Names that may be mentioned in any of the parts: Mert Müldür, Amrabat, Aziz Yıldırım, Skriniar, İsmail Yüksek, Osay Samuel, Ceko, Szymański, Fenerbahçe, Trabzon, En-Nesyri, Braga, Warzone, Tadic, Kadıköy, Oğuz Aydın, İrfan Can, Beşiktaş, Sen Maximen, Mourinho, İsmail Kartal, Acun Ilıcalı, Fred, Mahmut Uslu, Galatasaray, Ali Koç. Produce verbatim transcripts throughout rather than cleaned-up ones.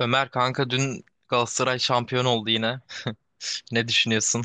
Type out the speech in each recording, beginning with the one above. Ömer kanka dün Galatasaray şampiyon oldu yine. Ne düşünüyorsun?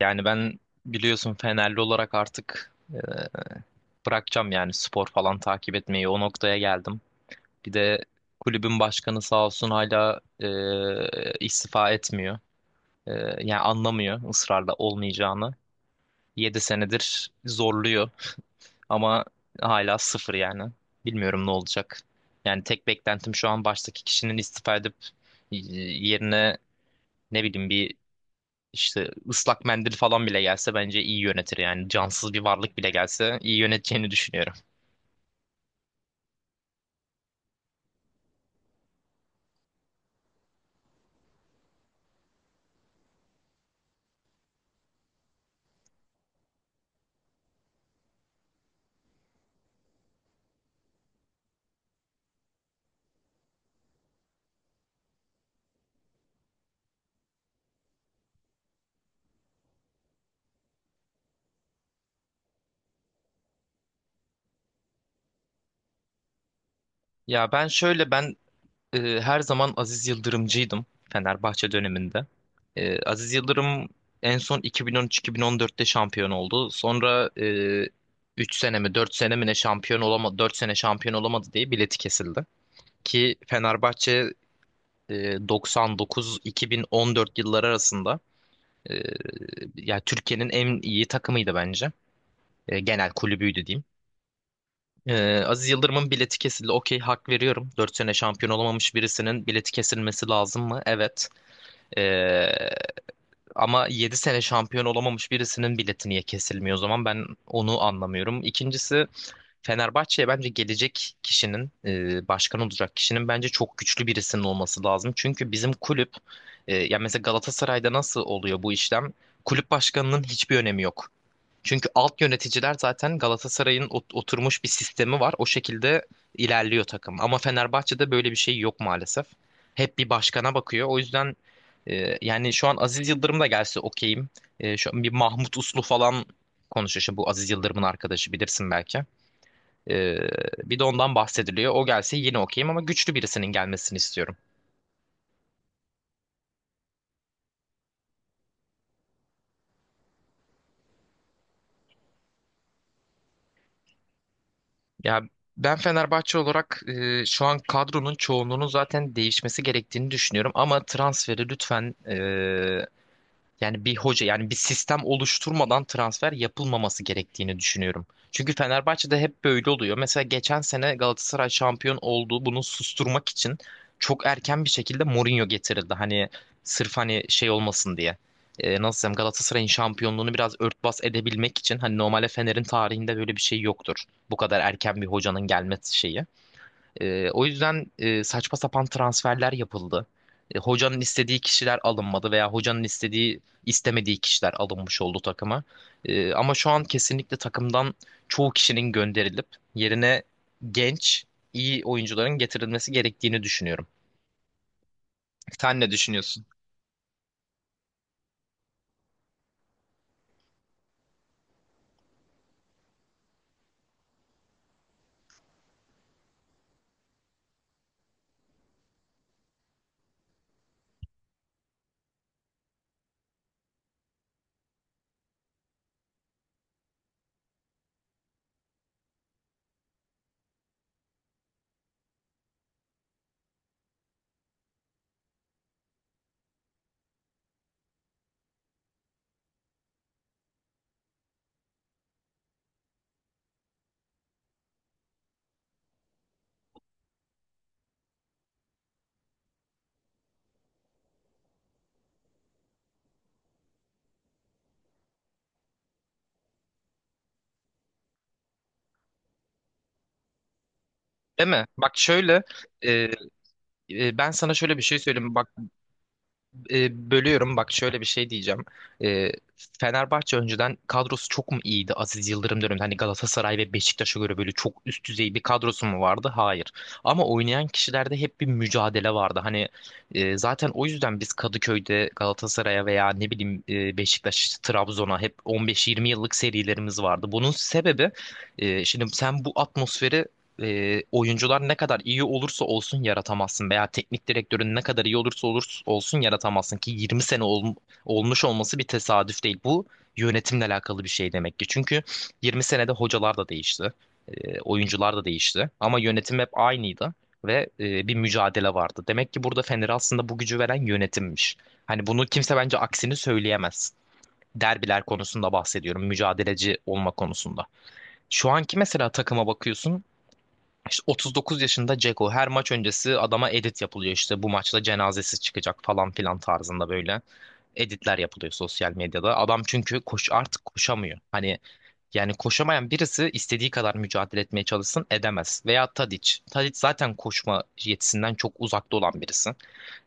Yani ben biliyorsun Fenerli olarak artık e, bırakacağım yani spor falan takip etmeyi. O noktaya geldim. Bir de kulübün başkanı sağ olsun hala e, istifa etmiyor. E, yani anlamıyor ısrarla olmayacağını. Yedi senedir zorluyor ama hala sıfır yani. Bilmiyorum ne olacak. Yani tek beklentim şu an baştaki kişinin istifa edip y- yerine ne bileyim bir İşte ıslak mendil falan bile gelse bence iyi yönetir, yani cansız bir varlık bile gelse iyi yöneteceğini düşünüyorum. Ya ben şöyle, ben e, her zaman Aziz Yıldırımcıydım Fenerbahçe döneminde. E, Aziz Yıldırım en son iki bin on üç iki bin on dörtte şampiyon oldu. Sonra, e, üç 3 sene mi dört sene mi ne şampiyon olamadı, dört sene şampiyon olamadı diye bileti kesildi. Ki Fenerbahçe doksan dokuz-iki bin on dört yılları arasında, e, ya Türkiye'nin en iyi takımıydı bence. E, genel kulübüydü diyeyim. E, Aziz Yıldırım'ın bileti kesildi. Okey, hak veriyorum. Dört sene şampiyon olamamış birisinin bileti kesilmesi lazım mı? Evet. E, Ama yedi sene şampiyon olamamış birisinin bileti niye kesilmiyor o zaman? Ben onu anlamıyorum. İkincisi, Fenerbahçe'ye bence gelecek kişinin, e, başkan olacak kişinin, bence çok güçlü birisinin olması lazım. Çünkü bizim kulüp, e, ya mesela Galatasaray'da nasıl oluyor bu işlem? Kulüp başkanının hiçbir önemi yok. Çünkü alt yöneticiler zaten Galatasaray'ın ot- oturmuş bir sistemi var. O şekilde ilerliyor takım. Ama Fenerbahçe'de böyle bir şey yok maalesef. Hep bir başkana bakıyor. O yüzden e, yani şu an Aziz Yıldırım da gelse okeyim. E, şu an bir Mahmut Uslu falan konuşuyor. Şimdi bu Aziz Yıldırım'ın arkadaşı bilirsin belki. Ee, Bir de ondan bahsediliyor. O gelse yine okeyim ama güçlü birisinin gelmesini istiyorum. Ya ben Fenerbahçe olarak e, şu an kadronun çoğunluğunun zaten değişmesi gerektiğini düşünüyorum. Ama transferi lütfen, e, yani bir hoca yani bir sistem oluşturmadan transfer yapılmaması gerektiğini düşünüyorum. Çünkü Fenerbahçe'de hep böyle oluyor. Mesela geçen sene Galatasaray şampiyon oldu. Bunu susturmak için çok erken bir şekilde Mourinho getirildi. Hani sırf hani şey olmasın diye. Ee, nasıl diyeyim, Galatasaray'ın şampiyonluğunu biraz örtbas edebilmek için, hani normalde Fener'in tarihinde böyle bir şey yoktur. Bu kadar erken bir hocanın gelmesi şeyi. Ee, o yüzden, e, saçma sapan transferler yapıldı. E, hocanın istediği kişiler alınmadı veya hocanın istediği istemediği kişiler alınmış oldu takıma. E, ama şu an kesinlikle takımdan çoğu kişinin gönderilip yerine genç, iyi oyuncuların getirilmesi gerektiğini düşünüyorum. Sen ne düşünüyorsun? Değil mi? Bak şöyle, e, e, ben sana şöyle bir şey söyleyeyim. Bak, e, bölüyorum, bak şöyle bir şey diyeceğim. E, Fenerbahçe önceden kadrosu çok mu iyiydi Aziz Yıldırım döneminde? Hani Galatasaray ve Beşiktaş'a göre böyle çok üst düzey bir kadrosu mu vardı? Hayır. Ama oynayan kişilerde hep bir mücadele vardı. Hani e, zaten o yüzden biz Kadıköy'de Galatasaray'a veya ne bileyim, e, Beşiktaş, Trabzon'a hep on beş yirmi yıllık serilerimiz vardı. Bunun sebebi, e, şimdi sen bu atmosferi, e, oyuncular ne kadar iyi olursa olsun yaratamazsın veya teknik direktörün ne kadar iyi olursa olursa olsun yaratamazsın ki yirmi sene ol- olmuş olması bir tesadüf değil. Bu yönetimle alakalı bir şey demek ki. Çünkü yirmi senede hocalar da değişti, e, oyuncular da değişti, ama yönetim hep aynıydı ve e, bir mücadele vardı. Demek ki burada Fener'e aslında bu gücü veren yönetimmiş. Hani bunu kimse bence aksini söyleyemez. Derbiler konusunda bahsediyorum, mücadeleci olma konusunda. Şu anki mesela takıma bakıyorsun. İşte otuz dokuz yaşında Ceko her maç öncesi adama edit yapılıyor, işte bu maçta cenazesi çıkacak falan filan tarzında böyle editler yapılıyor sosyal medyada. Adam çünkü koş artık koşamıyor. Hani yani koşamayan birisi istediği kadar mücadele etmeye çalışsın edemez. Veya Tadic. Tadic zaten koşma yetisinden çok uzakta olan birisi.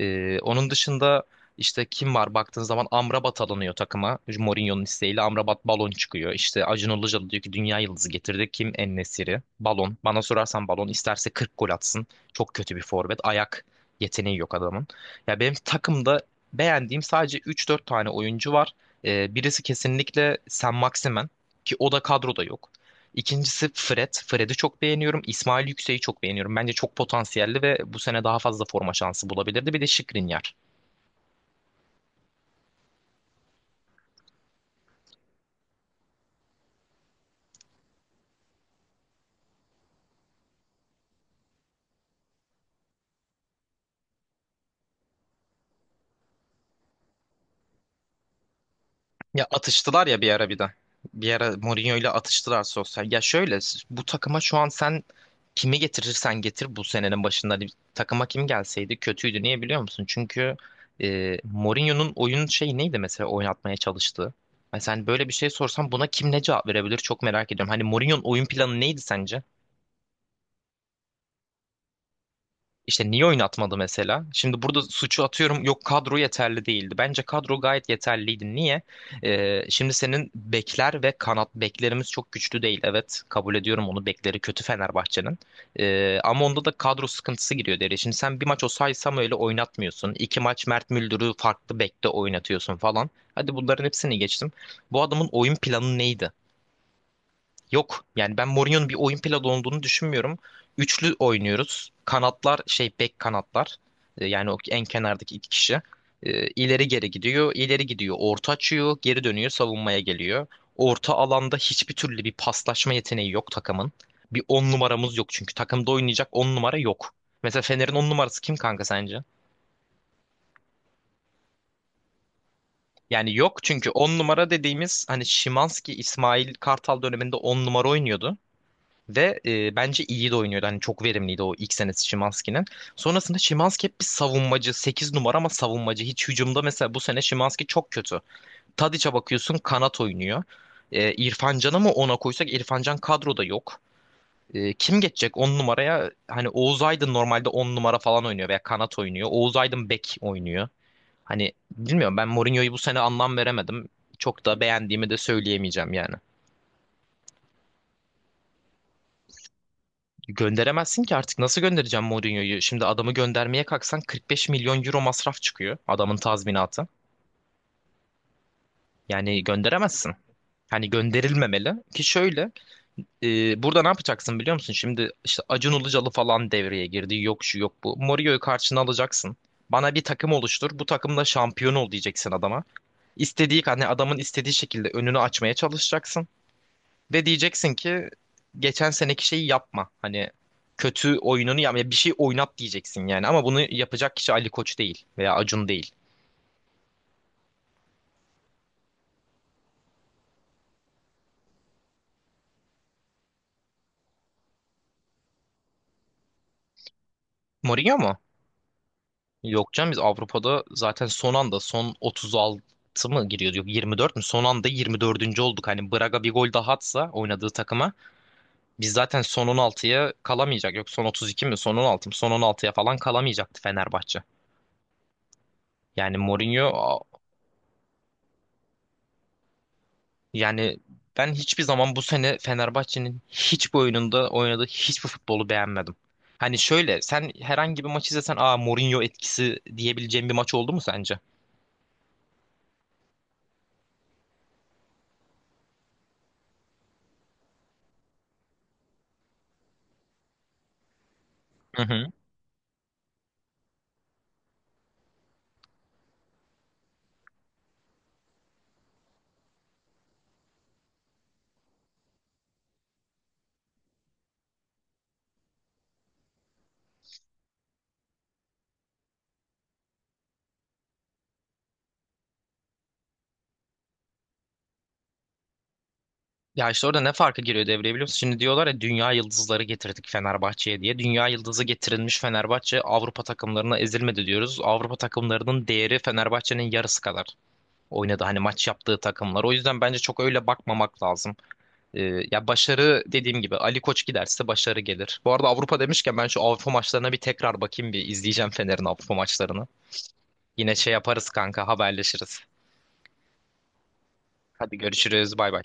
Ee, onun dışında işte kim var baktığın zaman, Amrabat alınıyor takıma. Mourinho'nun isteğiyle Amrabat balon çıkıyor. İşte Acun Ilıcalı diyor ki dünya yıldızı getirdi. Kim En-Nesyri? Balon. Bana sorarsan balon. İsterse kırk gol atsın. Çok kötü bir forvet. Ayak yeteneği yok adamın. Ya benim takımda beğendiğim sadece üç dört tane oyuncu var. Ee, birisi kesinlikle Sen Maximen, ki o da kadroda yok. İkincisi Fred. Fred'i çok beğeniyorum. İsmail Yüksek'i çok beğeniyorum. Bence çok potansiyelli ve bu sene daha fazla forma şansı bulabilirdi. Bir de Skriniar. Ya atıştılar ya bir ara bir de. Bir ara Mourinho ile atıştılar sosyal. Ya şöyle, bu takıma şu an sen kimi getirirsen getir, bu senenin başında hani takıma kim gelseydi kötüydü. Niye biliyor musun? Çünkü e, Mourinho'nun oyun şeyi neydi mesela oynatmaya çalıştığı? Hani sen böyle bir şey sorsan buna kim ne cevap verebilir çok merak ediyorum. Hani Mourinho'nun oyun planı neydi sence? İşte niye oynatmadı mesela? Şimdi burada suçu atıyorum, yok kadro yeterli değildi. Bence kadro gayet yeterliydi. Niye? Ee, şimdi senin bekler ve kanat beklerimiz çok güçlü değil. Evet, kabul ediyorum onu, bekleri kötü Fenerbahçe'nin. Ee, ama onda da kadro sıkıntısı giriyor devreye. Şimdi sen bir maç Osay Samuel'i oynatmıyorsun. İki maç Mert Müldür'ü farklı bekte oynatıyorsun falan. Hadi bunların hepsini geçtim. Bu adamın oyun planı neydi? Yok. Yani ben Mourinho'nun bir oyun planı olduğunu düşünmüyorum. Üçlü oynuyoruz. Kanatlar şey bek kanatlar. E, Yani o en kenardaki iki kişi. E, ileri geri gidiyor. İleri gidiyor. Orta açıyor. Geri dönüyor. Savunmaya geliyor. Orta alanda hiçbir türlü bir paslaşma yeteneği yok takımın. Bir on numaramız yok çünkü. Takımda oynayacak on numara yok. Mesela Fener'in on numarası kim kanka sence? Yani yok çünkü on numara dediğimiz hani Szymański, İsmail Kartal döneminde on numara oynuyordu. Ve e, bence iyi de oynuyordu. Hani çok verimliydi o ilk senesi Szymański'nin. Sonrasında Szymański hep bir savunmacı, sekiz numara ama savunmacı. Hiç hücumda mesela bu sene Szymański çok kötü. Tadiç'e bakıyorsun kanat oynuyor. E, İrfan Can'ı mı ona koysak, İrfan Can kadroda yok. E, kim geçecek on numaraya? Hani Oğuz Aydın normalde on numara falan oynuyor veya kanat oynuyor. Oğuz Aydın bek oynuyor. Hani bilmiyorum, ben Mourinho'yu bu sene anlam veremedim. Çok da beğendiğimi de söyleyemeyeceğim yani. Gönderemezsin ki artık, nasıl göndereceğim Mourinho'yu? Şimdi adamı göndermeye kalksan kırk beş milyon euro masraf çıkıyor adamın tazminatı. Yani gönderemezsin. Hani gönderilmemeli ki şöyle, e, burada ne yapacaksın biliyor musun? Şimdi işte Acun Ilıcalı falan devreye girdi. Yok şu yok bu. Mourinho'yu karşına alacaksın. Bana bir takım oluştur. Bu takımda şampiyon ol diyeceksin adama. İstediği hani adamın istediği şekilde önünü açmaya çalışacaksın. Ve diyeceksin ki geçen seneki şeyi yapma. Hani kötü oyununu yapma. Ya, bir şey oynat diyeceksin yani. Ama bunu yapacak kişi Ali Koç değil veya Acun değil. Mourinho mu? Yok canım, biz Avrupa'da zaten son anda son otuz altı mı giriyordu? Yok, yirmi dört mü? Son anda yirmi dördüncü olduk. Hani Braga bir gol daha atsa oynadığı takıma, biz zaten son on altıya kalamayacak. Yok son otuz iki mi? Son on altı mı? Son on altıya falan kalamayacaktı Fenerbahçe. Yani Mourinho Yani ben hiçbir zaman bu sene Fenerbahçe'nin hiçbir oyununda oynadığı hiçbir futbolu beğenmedim. Hani şöyle sen herhangi bir maç izlesen aa Mourinho etkisi diyebileceğin bir maç oldu mu sence? Hı hı. Ya işte orada ne farkı giriyor devreye biliyor musun? Şimdi diyorlar ya dünya yıldızları getirdik Fenerbahçe'ye diye. Dünya yıldızı getirilmiş Fenerbahçe Avrupa takımlarına ezilmedi diyoruz. Avrupa takımlarının değeri Fenerbahçe'nin yarısı kadar oynadı hani maç yaptığı takımlar. O yüzden bence çok öyle bakmamak lazım. Ee, ya başarı, dediğim gibi, Ali Koç giderse başarı gelir. Bu arada Avrupa demişken ben şu Avrupa maçlarına bir tekrar bakayım, bir izleyeceğim Fener'in Avrupa maçlarını. Yine şey yaparız kanka, haberleşiriz. Hadi görüşürüz, bay bay.